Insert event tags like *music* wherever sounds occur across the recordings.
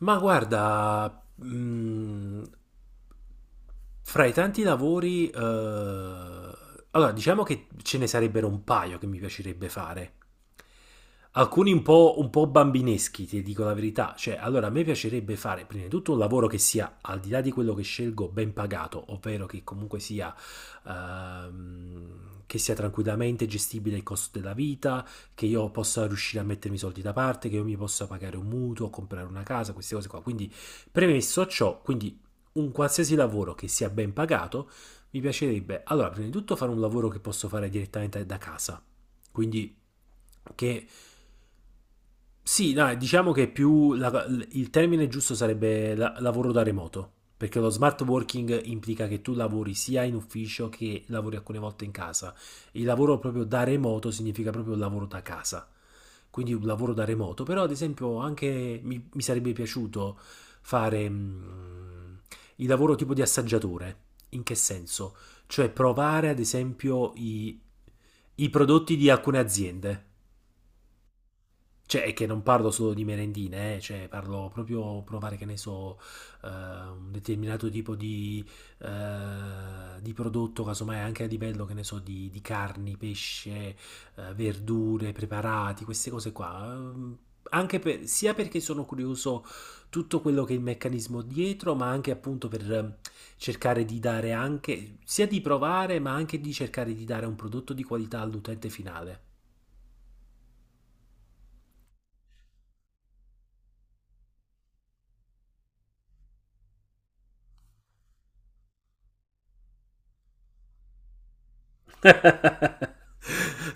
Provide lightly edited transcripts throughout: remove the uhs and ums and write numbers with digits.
Ma guarda, fra i tanti lavori, allora diciamo che ce ne sarebbero un paio che mi piacerebbe fare. Alcuni un po' bambineschi, ti dico la verità. Cioè, allora a me piacerebbe fare prima di tutto un lavoro che sia, al di là di quello che scelgo, ben pagato, ovvero che comunque sia, che sia tranquillamente gestibile il costo della vita, che io possa riuscire a mettermi i soldi da parte, che io mi possa pagare un mutuo, comprare una casa, queste cose qua. Quindi, premesso ciò, quindi un qualsiasi lavoro che sia ben pagato, mi piacerebbe, allora, prima di tutto fare un lavoro che posso fare direttamente da casa, quindi che sì, dai, diciamo che il termine giusto sarebbe lavoro da remoto, perché lo smart working implica che tu lavori sia in ufficio che lavori alcune volte in casa. Il lavoro proprio da remoto significa proprio lavoro da casa, quindi un lavoro da remoto, però ad esempio anche mi sarebbe piaciuto fare il lavoro tipo di assaggiatore. In che senso? Cioè provare ad esempio i prodotti di alcune aziende. Cioè, è che non parlo solo di merendine, cioè parlo proprio provare, che ne so, un determinato tipo di prodotto, casomai anche a livello, che ne so, di carni, pesce, verdure, preparati, queste cose qua. Anche sia perché sono curioso tutto quello che è il meccanismo dietro, ma anche appunto per cercare di dare anche, sia di provare, ma anche di cercare di dare un prodotto di qualità all'utente finale.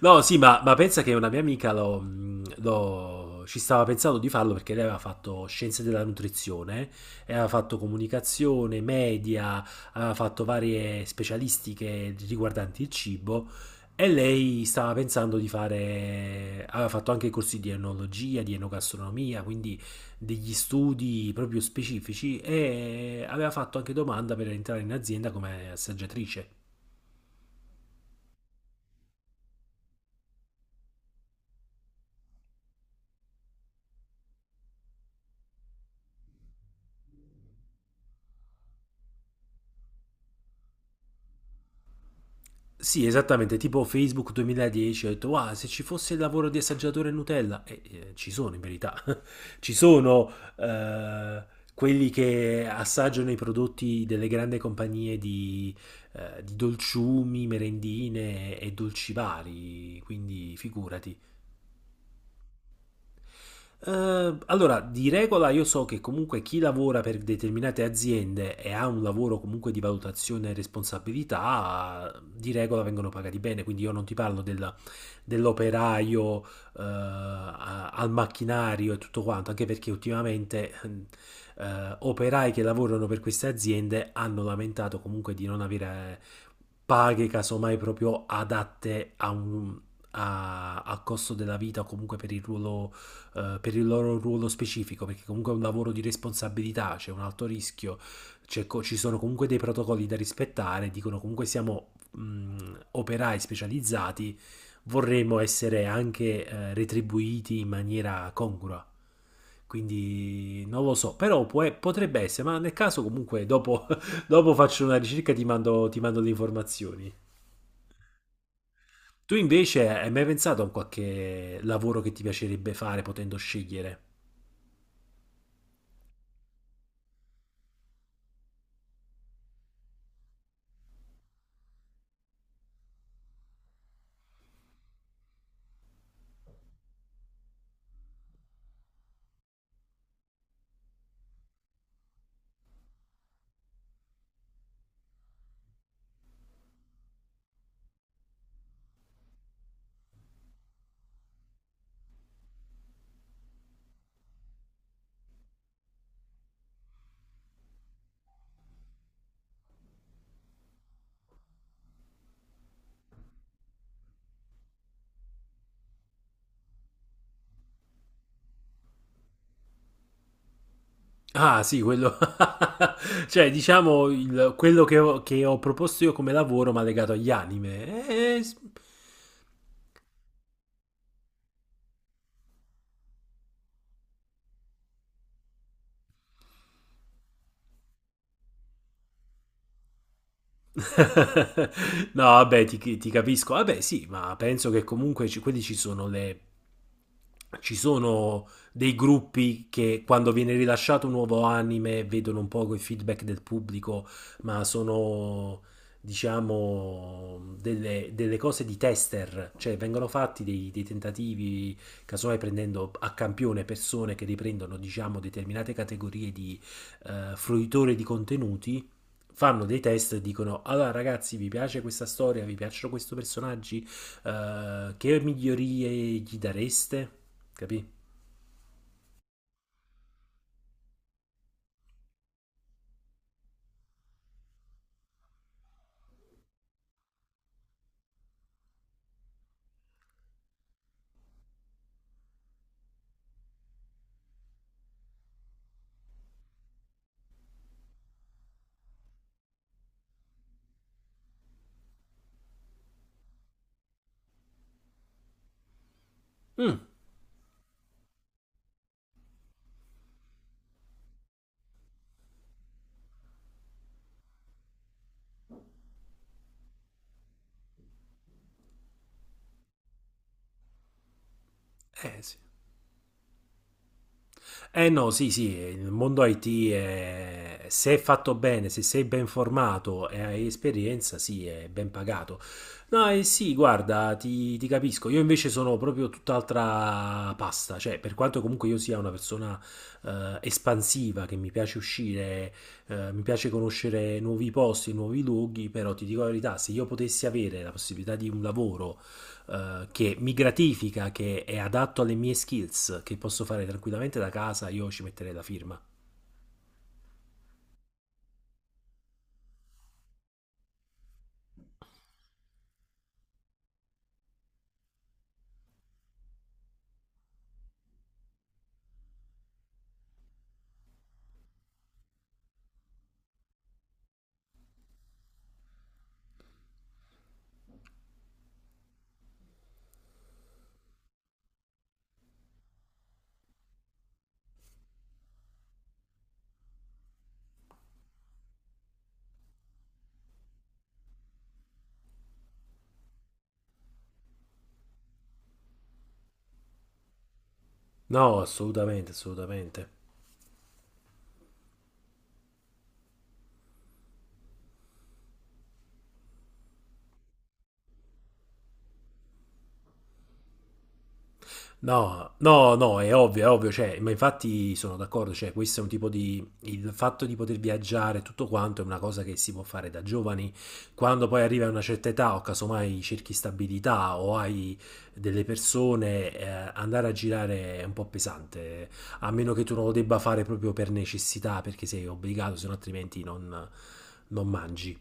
No, sì, ma pensa che una mia amica ci stava pensando di farlo perché lei aveva fatto scienze della nutrizione, e aveva fatto comunicazione, media, aveva fatto varie specialistiche riguardanti il cibo e lei stava pensando di fare, aveva fatto anche corsi di enologia, di enogastronomia, quindi degli studi proprio specifici e aveva fatto anche domanda per entrare in azienda come assaggiatrice. Sì, esattamente, tipo Facebook 2010, ho detto, wow, se ci fosse il lavoro di assaggiatore Nutella, e ci sono in verità, *laughs* ci sono eh, quelli che assaggiano i prodotti delle grandi compagnie di dolciumi, merendine e dolci vari, quindi figurati. Allora, di regola io so che comunque chi lavora per determinate aziende e ha un lavoro comunque di valutazione e responsabilità, di regola vengono pagati bene, quindi io non ti parlo dell'operaio, al macchinario e tutto quanto, anche perché ultimamente operai che lavorano per queste aziende hanno lamentato comunque di non avere paghe casomai proprio adatte a al costo della vita o comunque per il ruolo per il loro ruolo specifico, perché comunque è un lavoro di responsabilità, c'è un alto rischio, ci sono comunque dei protocolli da rispettare, dicono comunque siamo operai specializzati, vorremmo essere anche retribuiti in maniera congrua. Quindi non lo so, però potrebbe essere, ma nel caso comunque dopo, *laughs* dopo faccio una ricerca e ti mando le informazioni. Tu invece hai mai pensato a un qualche lavoro che ti piacerebbe fare potendo scegliere? Ah sì, quello, *laughs* cioè diciamo quello che ho proposto io come lavoro ma legato agli anime. Eh, s- *laughs* No, vabbè, ti capisco. Vabbè, sì, ma penso che comunque ci, quelli ci sono le... Ci sono dei gruppi che quando viene rilasciato un nuovo anime vedono un po' il feedback del pubblico, ma sono, diciamo, delle cose di tester, cioè vengono fatti dei tentativi, casomai prendendo a campione persone che riprendono, diciamo, determinate categorie di fruitori di contenuti fanno dei test e dicono allora ragazzi vi piace questa storia, vi piacciono questi personaggi, eh, che migliorie gli dareste? Capì? Eh sì. Eh no, sì, sì, il mondo IT è- se è fatto bene, se sei ben formato e hai esperienza, sì, è ben pagato. No, eh sì, guarda, ti capisco. Io invece sono proprio tutt'altra pasta, cioè, per quanto comunque io sia una persona espansiva, che mi piace uscire, mi piace conoscere nuovi posti, nuovi luoghi, però ti dico la verità, se io potessi avere la possibilità di un lavoro che mi gratifica, che è adatto alle mie skills, che posso fare tranquillamente da casa, io ci metterei la firma. No, assolutamente, assolutamente. No, no, no, è ovvio, cioè, ma infatti sono d'accordo, cioè, questo è un tipo di... il fatto di poter viaggiare, tutto quanto, è una cosa che si può fare da giovani, quando poi arrivi a una certa età o casomai cerchi stabilità o hai delle persone, andare a girare è un po' pesante, a meno che tu non lo debba fare proprio per necessità, perché sei obbligato, se no altrimenti non mangi.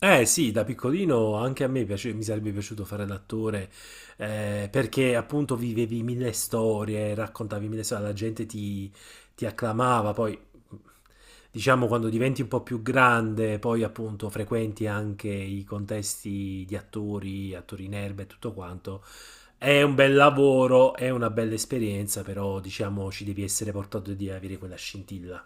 Eh sì, da piccolino anche a me mi sarebbe piaciuto fare l'attore perché appunto vivevi mille storie, raccontavi mille storie, la gente ti, ti acclamava, poi diciamo quando diventi un po' più grande, poi appunto frequenti anche i contesti di attori, attori in erba e tutto quanto. È un bel lavoro, è una bella esperienza, però diciamo ci devi essere portato di avere quella scintilla.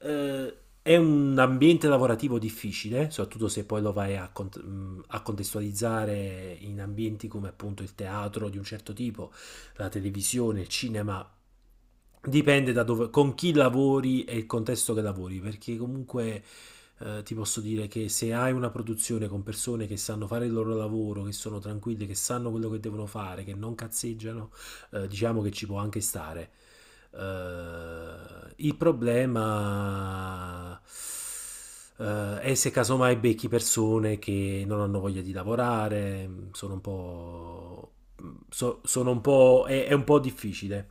Eh, è un ambiente lavorativo difficile, soprattutto se poi lo vai a, a contestualizzare in ambienti come appunto il teatro di un certo tipo, la televisione, il cinema. Dipende da dove, con chi lavori e il contesto che lavori, perché comunque ti posso dire che se hai una produzione con persone che sanno fare il loro lavoro, che sono tranquille, che sanno quello che devono fare, che non cazzeggiano, diciamo che ci può anche stare. Il problema è se casomai becchi persone che non hanno voglia di lavorare, sono un po'... sono un po' è un po' difficile.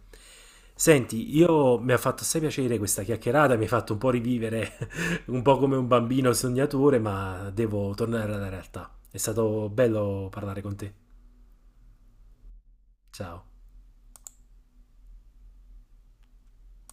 Senti, io mi ha fatto assai piacere questa chiacchierata, mi ha fatto un po' rivivere, *laughs* un po' come un bambino sognatore, ma devo tornare alla realtà. È stato bello parlare con te. Ciao.